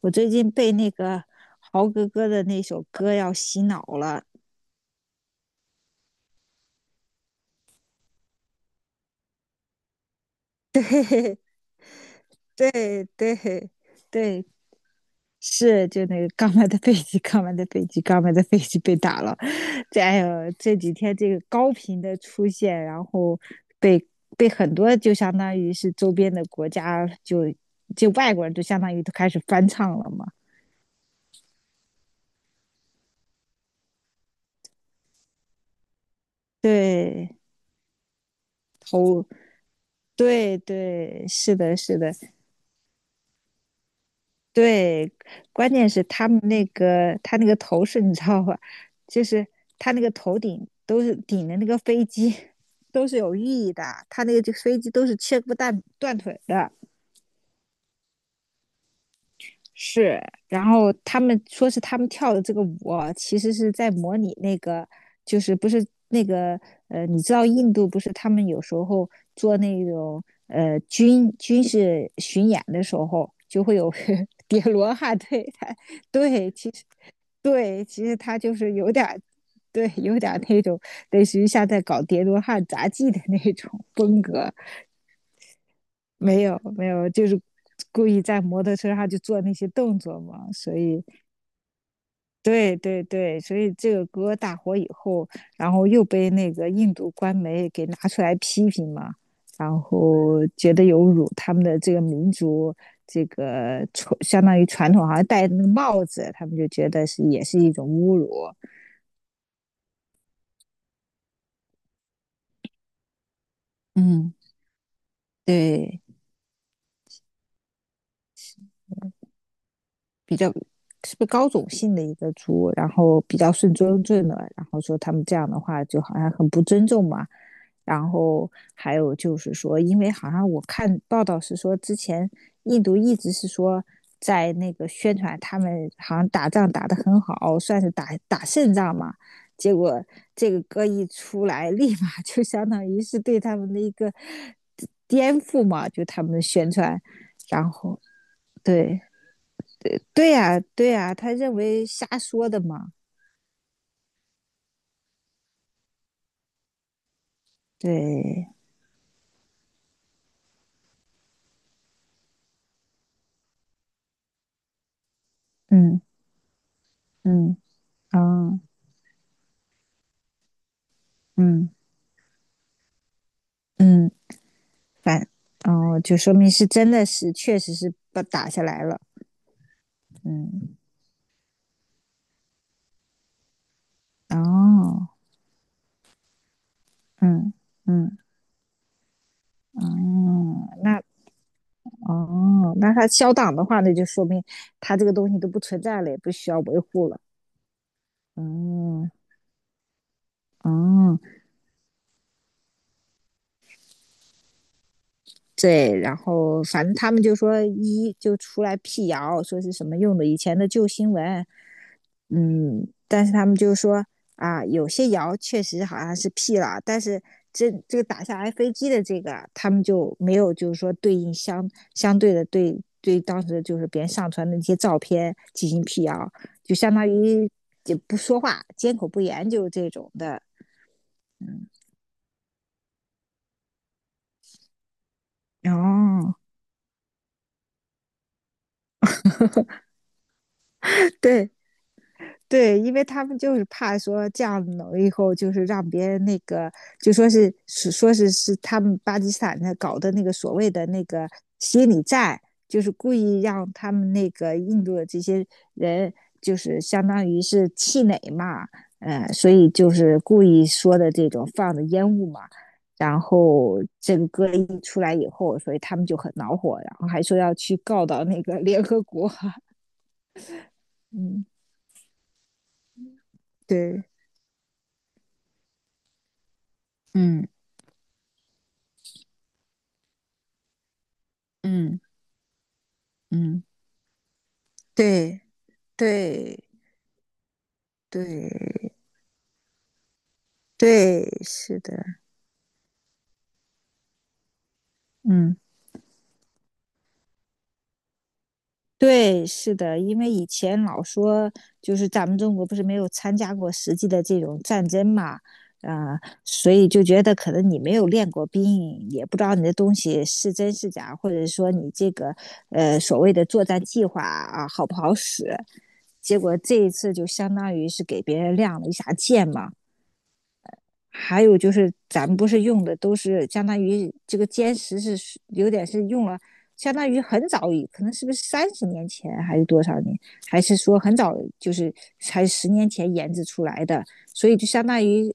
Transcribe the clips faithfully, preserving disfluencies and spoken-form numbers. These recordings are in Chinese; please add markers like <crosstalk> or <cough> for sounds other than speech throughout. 我最近被那个豪哥哥的那首歌要洗脑了。对对对，是就那个刚买的飞机，刚买的飞机，刚买的飞机被打了。这哎呦，这几天这个高频的出现，然后被被很多就相当于是周边的国家就就外国人就相当于都开始翻唱了嘛。对，头对对，是的，是的。对，关键是他们那个他那个头饰你知道吧？就是他那个头顶都是顶的那个飞机，<laughs> 都是有寓意的。他那个这飞机都是切不断断腿的。是，然后他们说是他们跳的这个舞啊，其实是在模拟那个，就是不是那个呃，你知道印度不是他们有时候做那种呃军军事巡演的时候，就会有 <laughs> 叠罗汉，对，他对，其实对，其实他就是有点儿，对，有点儿那种类似于像在搞叠罗汉杂技的那种风格，没有没有，就是故意在摩托车上就做那些动作嘛，所以。对对对，所以这个歌大火以后，然后又被那个印度官媒给拿出来批评嘛，然后觉得有辱他们的这个民族，这个传相当于传统，好像戴那个帽子，他们就觉得是也是一种侮辱。嗯，对，比较是不是高种姓的一个族，然后比较顺尊正的，然后说他们这样的话就好像很不尊重嘛。然后还有就是说，因为好像我看报道是说，之前印度一直是说在那个宣传他们好像打仗打得很好，算是打打胜仗嘛。结果这个歌一出来，<laughs> 立马就相当于是对他们的一个 <laughs> 颠覆嘛，就他们的宣传。然后对，对呀，对呀，他认为瞎说的嘛。对，嗯嗯哦，嗯嗯，反哦，就说明是真的是确实是把打下来了。嗯，哦，嗯嗯哦，那哦，那他消档的话，那就说明他这个东西都不存在了，也不需要维护了。嗯哦，对，然后反正他们就说一就出来辟谣，说是什么用的以前的旧新闻。嗯，但是他们就是说啊，有些谣确实好像是辟了，但是这这个打下来飞机的这个啊，他们就没有就是说对应相相对的对对当时就是别人上传的那些照片进行辟谣，就相当于也不说话，缄口不言，就是这种的。嗯，哦，对，对，因为他们就是怕说这样以后，就是让别人那个，就说是是说是是他们巴基斯坦的搞的那个所谓的那个心理战，就是故意让他们那个印度的这些人，就是相当于是气馁嘛，嗯，所以就是故意说的这种放的烟雾嘛，然后这个歌一出来以后，所以他们就很恼火，然后还说要去告到那个联合国。<laughs> 嗯，对，嗯嗯。嗯，对对对对，是的。嗯，对，是的，因为以前老说就是咱们中国不是没有参加过实际的这种战争嘛，啊、所以就觉得可能你没有练过兵，也不知道你的东西是真是假，或者说你这个呃所谓的作战计划啊好不好使，结果这一次就相当于是给别人亮了一下剑嘛。还有就是咱们不是用的都是相当于这个歼十是有点是用了，相当于很早可能是不是三十年前还是多少年，还是说很早就是才十年前研制出来的，所以就相当于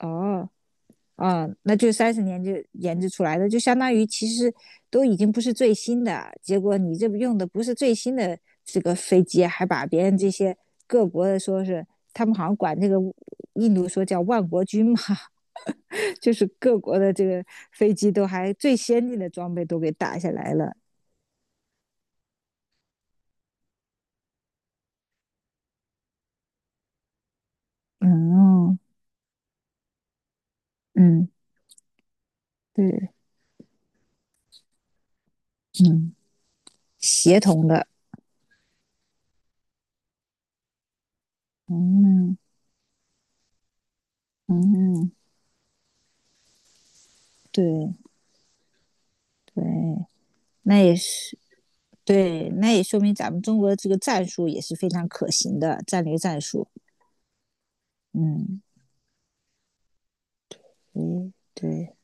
哦。啊、嗯那就三十年就研制出来的，就相当于其实都已经不是最新的。结果你这用的不是最新的这个飞机，还把别人这些各国的说是他们好像管这个印度说叫万国军嘛，就是各国的这个飞机都还最先进的装备都给打下来了。嗯嗯，对，嗯，协同的，嗯嗯，对对，那也是对，那也说明咱们中国这个战术也是非常可行的战略战术。嗯，诶，对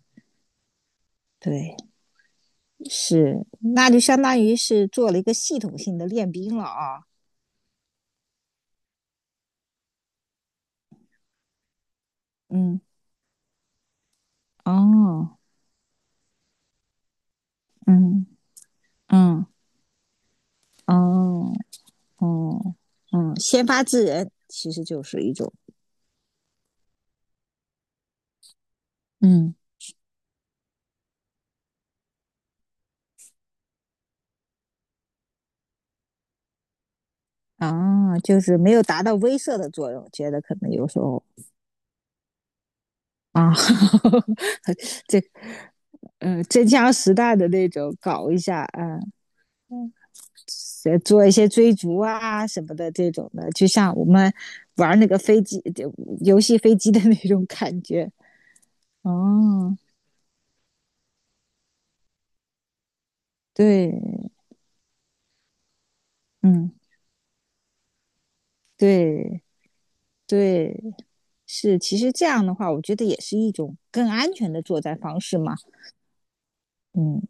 对，是，那就相当于是做了一个系统性的练兵了啊。嗯哦，嗯嗯，哦。哦，嗯，先发制人其实就是一种，嗯，啊，就是没有达到威慑的作用，觉得可能有时候啊，<laughs> 这嗯真枪实弹的那种搞一下啊，嗯做一些追逐啊什么的这种的，就像我们玩那个飞机游戏飞机的那种感觉。哦，对，嗯，对对，是，其实这样的话，我觉得也是一种更安全的作战方式嘛。嗯。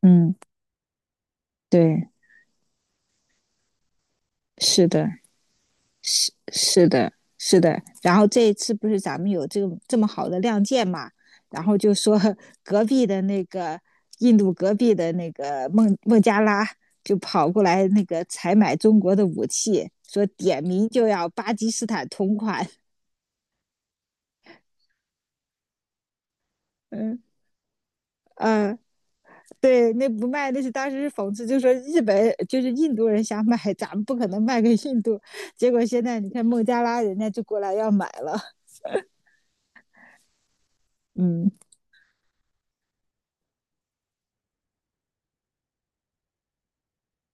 嗯，对，是的，是是的，是的。然后这一次不是咱们有这个这么好的亮剑嘛，然后就说 <laughs> 隔壁的那个印度隔壁的那个孟孟加拉就跑过来那个采买中国的武器，说点名就要巴基斯坦同款。嗯嗯，呃对，那不卖那是当时是讽刺，就说日本就是印度人想买，咱们不可能卖给印度。结果现在你看孟加拉人家就过来要买了。嗯。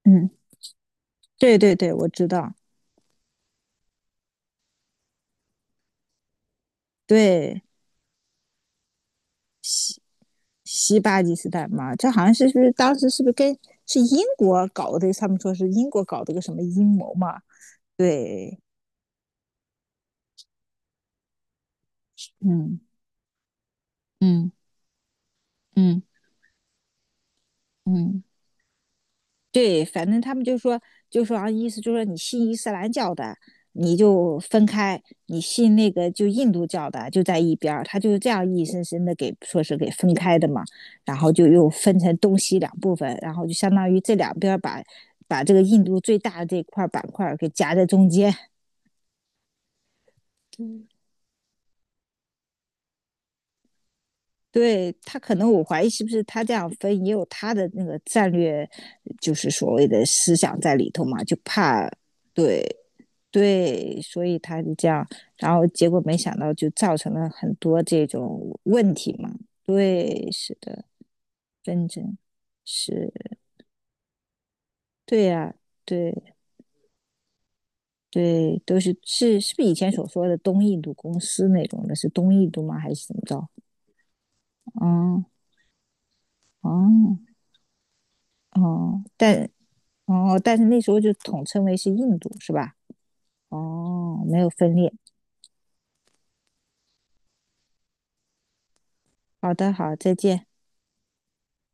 嗯，对对对，我知道，对，西巴基斯坦嘛，这好像是是不是当时是不是跟是英国搞的？他们说是英国搞的个什么阴谋嘛？对，嗯嗯嗯嗯。对，反正他们就说，就说啊，意思就是说你信伊斯兰教的，你就分开；你信那个就印度教的，就在一边儿。他就是这样硬生生的给说是给分开的嘛，然后就又分成东西两部分，然后就相当于这两边儿把把这个印度最大的这块板块给夹在中间。嗯对他可能我怀疑是不是他这样分也有他的那个战略，就是所谓的思想在里头嘛，就怕对对，所以他就这样，然后结果没想到就造成了很多这种问题嘛。对，是的，纷争是，对呀、对对，都是是是不是以前所说的东印度公司那种的？是东印度吗？还是怎么着？哦哦哦，但哦，但是那时候就统称为是印度，是吧？哦，没有分裂。好的，好，再见。